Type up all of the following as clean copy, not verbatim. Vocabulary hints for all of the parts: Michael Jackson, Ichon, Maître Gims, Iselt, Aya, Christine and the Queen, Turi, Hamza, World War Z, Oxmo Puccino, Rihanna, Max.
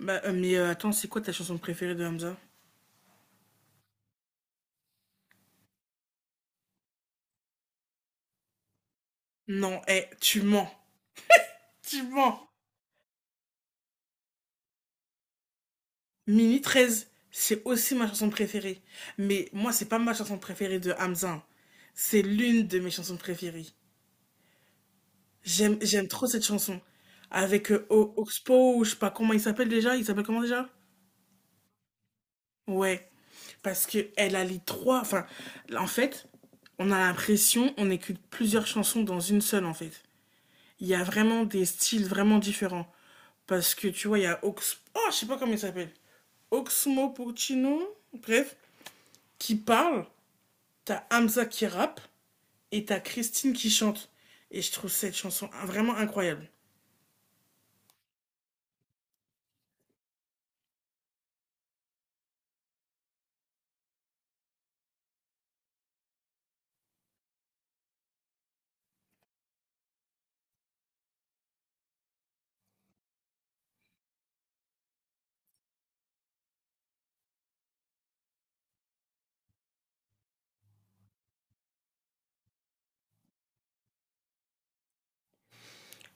Attends, c'est quoi ta chanson préférée de Hamza? Non, eh, tu mens. Tu mens. Mini 13 c'est aussi ma chanson préférée. Mais moi, c'est pas ma chanson préférée de Hamza, hein. C'est l'une de mes chansons préférées. J'aime trop cette chanson. Avec Oxpo, ou je sais pas comment il s'appelle déjà. Il s'appelle comment déjà? Ouais, parce que elle a les trois. Enfin, en fait, on a l'impression on écoute plusieurs chansons dans une seule, en fait. Il y a vraiment des styles vraiment différents. Parce que tu vois, il y a Oh, je sais pas comment il s'appelle. Oxmo Puccino, bref, qui parle. T'as Hamza qui rappe et t'as Christine qui chante. Et je trouve cette chanson vraiment incroyable.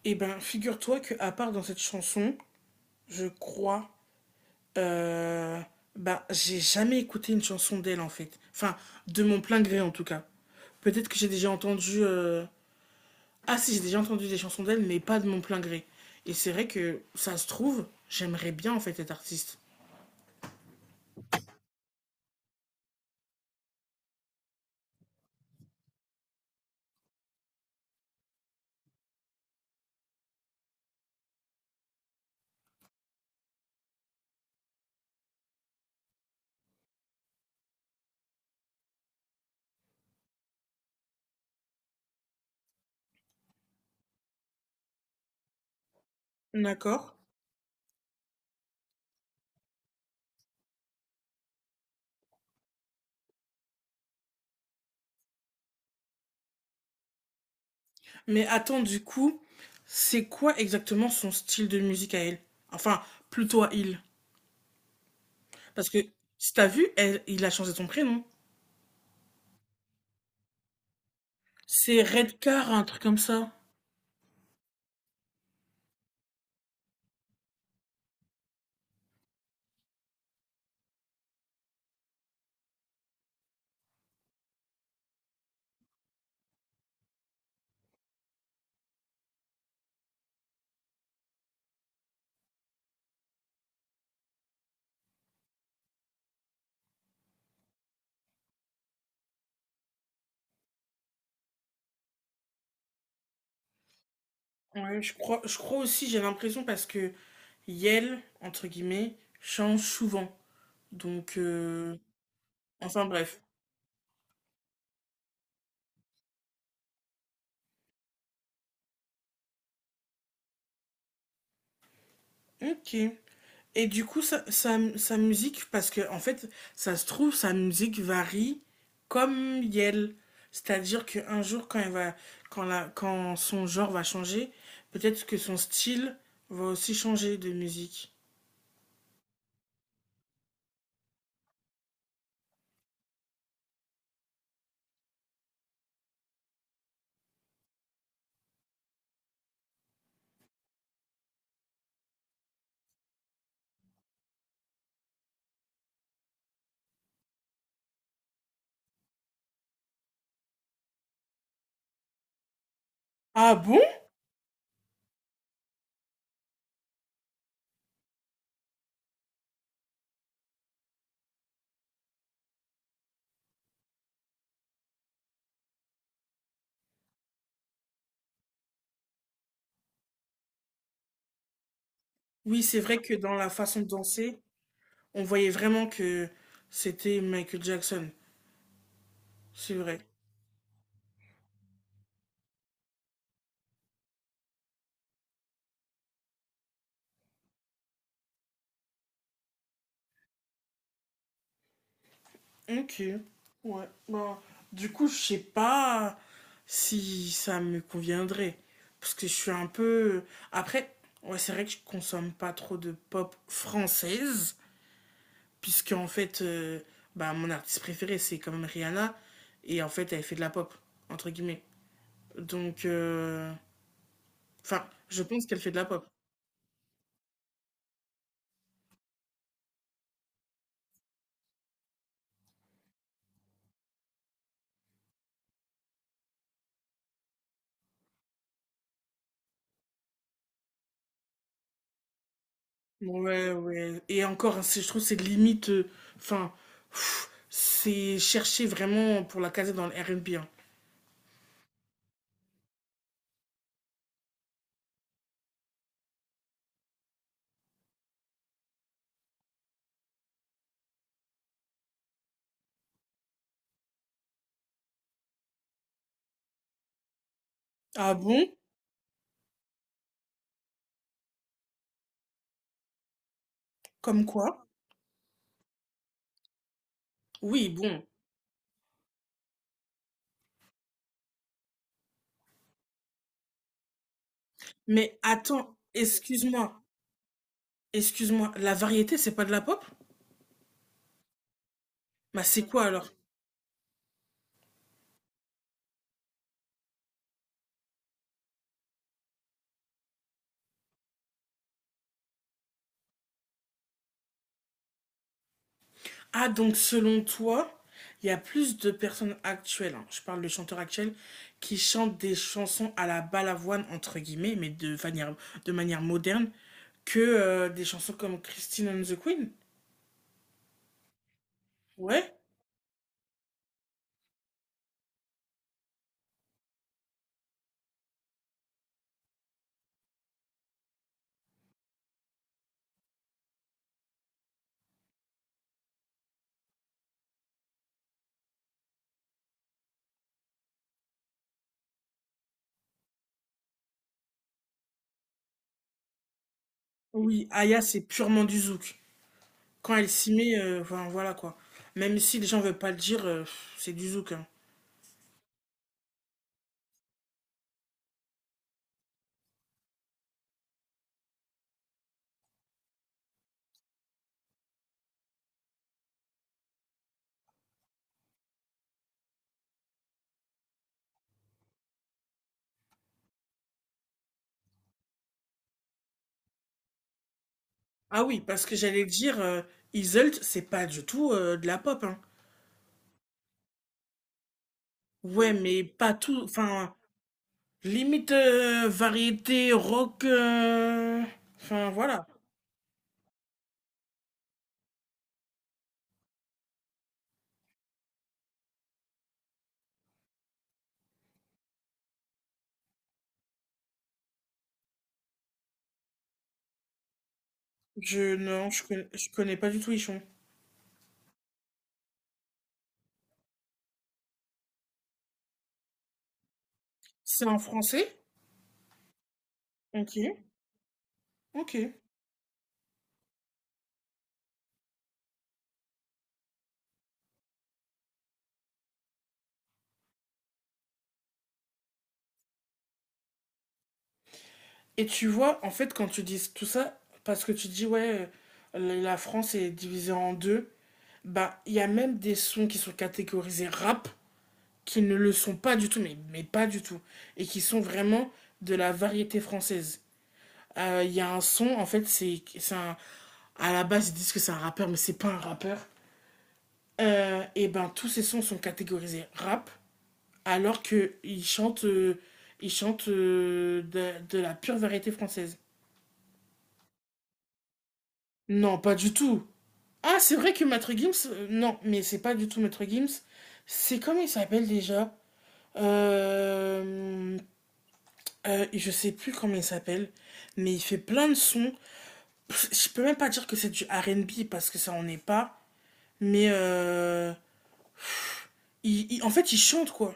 Et ben, figure-toi que à part dans cette chanson, je crois, euh, bah, j'ai jamais écouté une chanson d'elle en fait. Enfin, de mon plein gré en tout cas. Peut-être que j'ai déjà entendu. Ah si, j'ai déjà entendu des chansons d'elle, mais pas de mon plein gré. Et c'est vrai que ça se trouve, j'aimerais bien en fait être artiste. D'accord. Mais attends, du coup, c'est quoi exactement son style de musique à elle? Enfin, plutôt à il. Parce que si t'as vu, elle, il a changé son prénom. C'est Redcar, un truc comme ça. Ouais, je crois aussi, j'ai l'impression parce que Yel, entre guillemets, change souvent. Donc, euh, enfin bref. Ok. Et du coup, sa musique, parce que en fait, ça se trouve, sa musique varie comme Yel. C'est-à-dire qu'un jour, quand, elle va, quand, la, quand son genre va changer, peut-être que son style va aussi changer de musique. Ah bon? Oui, c'est vrai que dans la façon de danser, on voyait vraiment que c'était Michael Jackson. C'est vrai. Ok, ouais. Bah, du coup, je sais pas si ça me conviendrait. Parce que je suis un peu. Après, ouais, c'est vrai que je consomme pas trop de pop française. Puisque, en fait, euh, Bah, mon artiste préféré, c'est quand même Rihanna. Et en fait, elle fait de la pop, entre guillemets. Donc, euh, enfin, je pense qu'elle fait de la pop. Ouais, ouais. Et encore, hein, c'est- je trouve que c'est limite. Enfin, pff, c'est chercher vraiment pour la caser dans le R&B, hein. Ah bon? Comme quoi? Oui, bon. Mais attends, excuse-moi, excuse-moi, la variété, c'est pas de la pop? Bah c'est quoi alors? Ah donc selon toi, il y a plus de personnes actuelles, hein, je parle de chanteurs actuels, qui chantent des chansons à la balavoine, entre guillemets, mais de manière moderne, que des chansons comme Christine and the Queen? Ouais? Oui, Aya, c'est purement du zouk. Quand elle s'y met, enfin, voilà quoi. Même si les gens veulent pas le dire, c'est du zouk, hein. Ah oui, parce que j'allais dire. Iselt, c'est pas du tout de la pop, hein. Ouais, mais pas tout, enfin, limite variété rock, enfin voilà. Je non, je connais pas du tout Ichon. C'est en français? Ok, ok. Et tu vois, en fait, quand tu dis tout ça, parce que tu dis ouais, la la France est divisée en deux, bah il y a même des sons qui sont catégorisés rap qui ne le sont pas du tout, mais pas du tout, et qui sont vraiment de la variété française. Il y a un son, en fait, c'est un... À la base, ils disent que c'est un rappeur, mais c'est pas un rappeur. Et ben, tous ces sons sont catégorisés rap, alors qu'ils chantent, ils chantent de la pure variété française. Non, pas du tout. Ah, c'est vrai que Maître Gims, non, mais c'est pas du tout Maître Gims. C'est comment il s'appelle déjà. Euh, je sais plus comment il s'appelle, mais il fait plein de sons. Je peux même pas dire que c'est du R&B parce que ça en est pas, mais euh, en fait il chante quoi.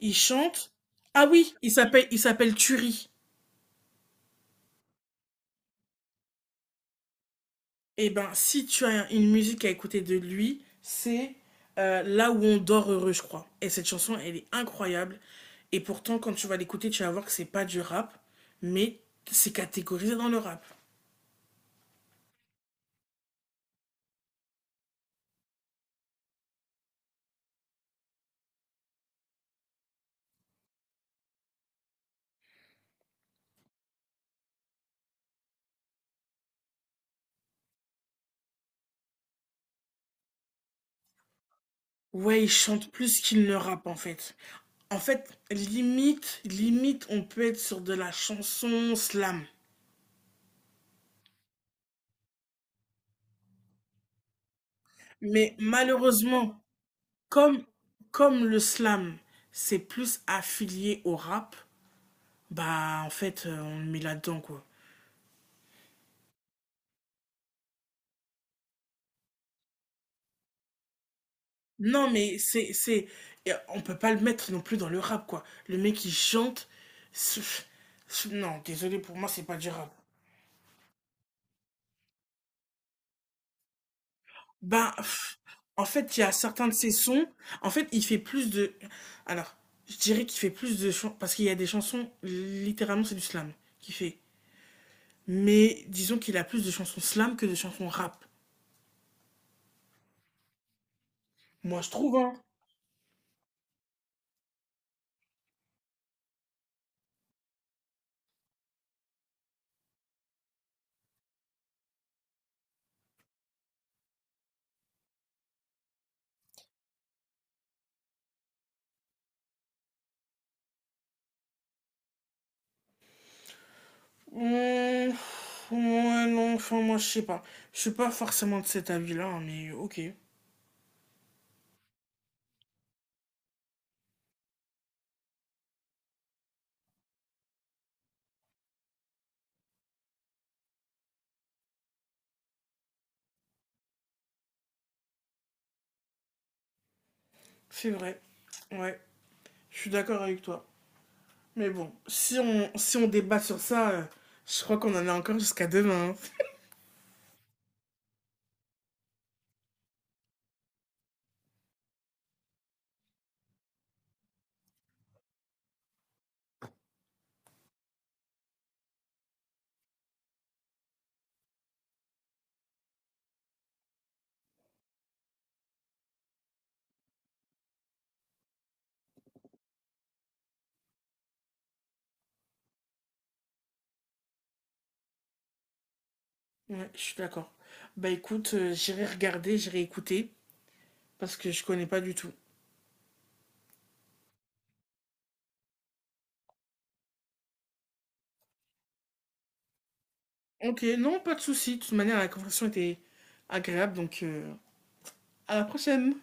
Il chante. Ah oui, il s'appelle Turi. Eh ben si tu as une musique à écouter de lui, c'est Là où on dort heureux, je crois. Et cette chanson, elle est incroyable. Et pourtant, quand tu vas l'écouter, tu vas voir que c'est pas du rap, mais c'est catégorisé dans le rap. Ouais, il chante plus qu'il ne rappe en fait. En fait, on peut être sur de la chanson slam. Mais malheureusement, comme, comme le slam, c'est plus affilié au rap, bah en fait, on le met là-dedans quoi. Non, mais et on peut pas le mettre non plus dans le rap quoi. Le mec il chante, c'est- non, désolé pour moi, c'est pas du rap. Ben, pff, en fait, il y a certains de ses sons. En fait, il fait plus de. Alors, je dirais qu'il fait plus de chansons. Parce qu'il y a des chansons, littéralement, c'est du slam qu'il fait. Mais disons qu'il a plus de chansons slam que de chansons rap. Moi, je trouve, hein. Hum, ouais, non, enfin, moi, je sais pas. Je suis pas forcément de cet avis-là, hein, mais ok. C'est vrai. Ouais, je suis d'accord avec toi. Mais bon, si on débat sur ça, je crois qu'on en a encore jusqu'à demain, hein. Ouais, je suis d'accord. Bah écoute, j'irai regarder, j'irai écouter, parce que je connais pas du tout. Ok, non, pas de souci. De toute manière, la conversation était agréable, donc à la prochaine.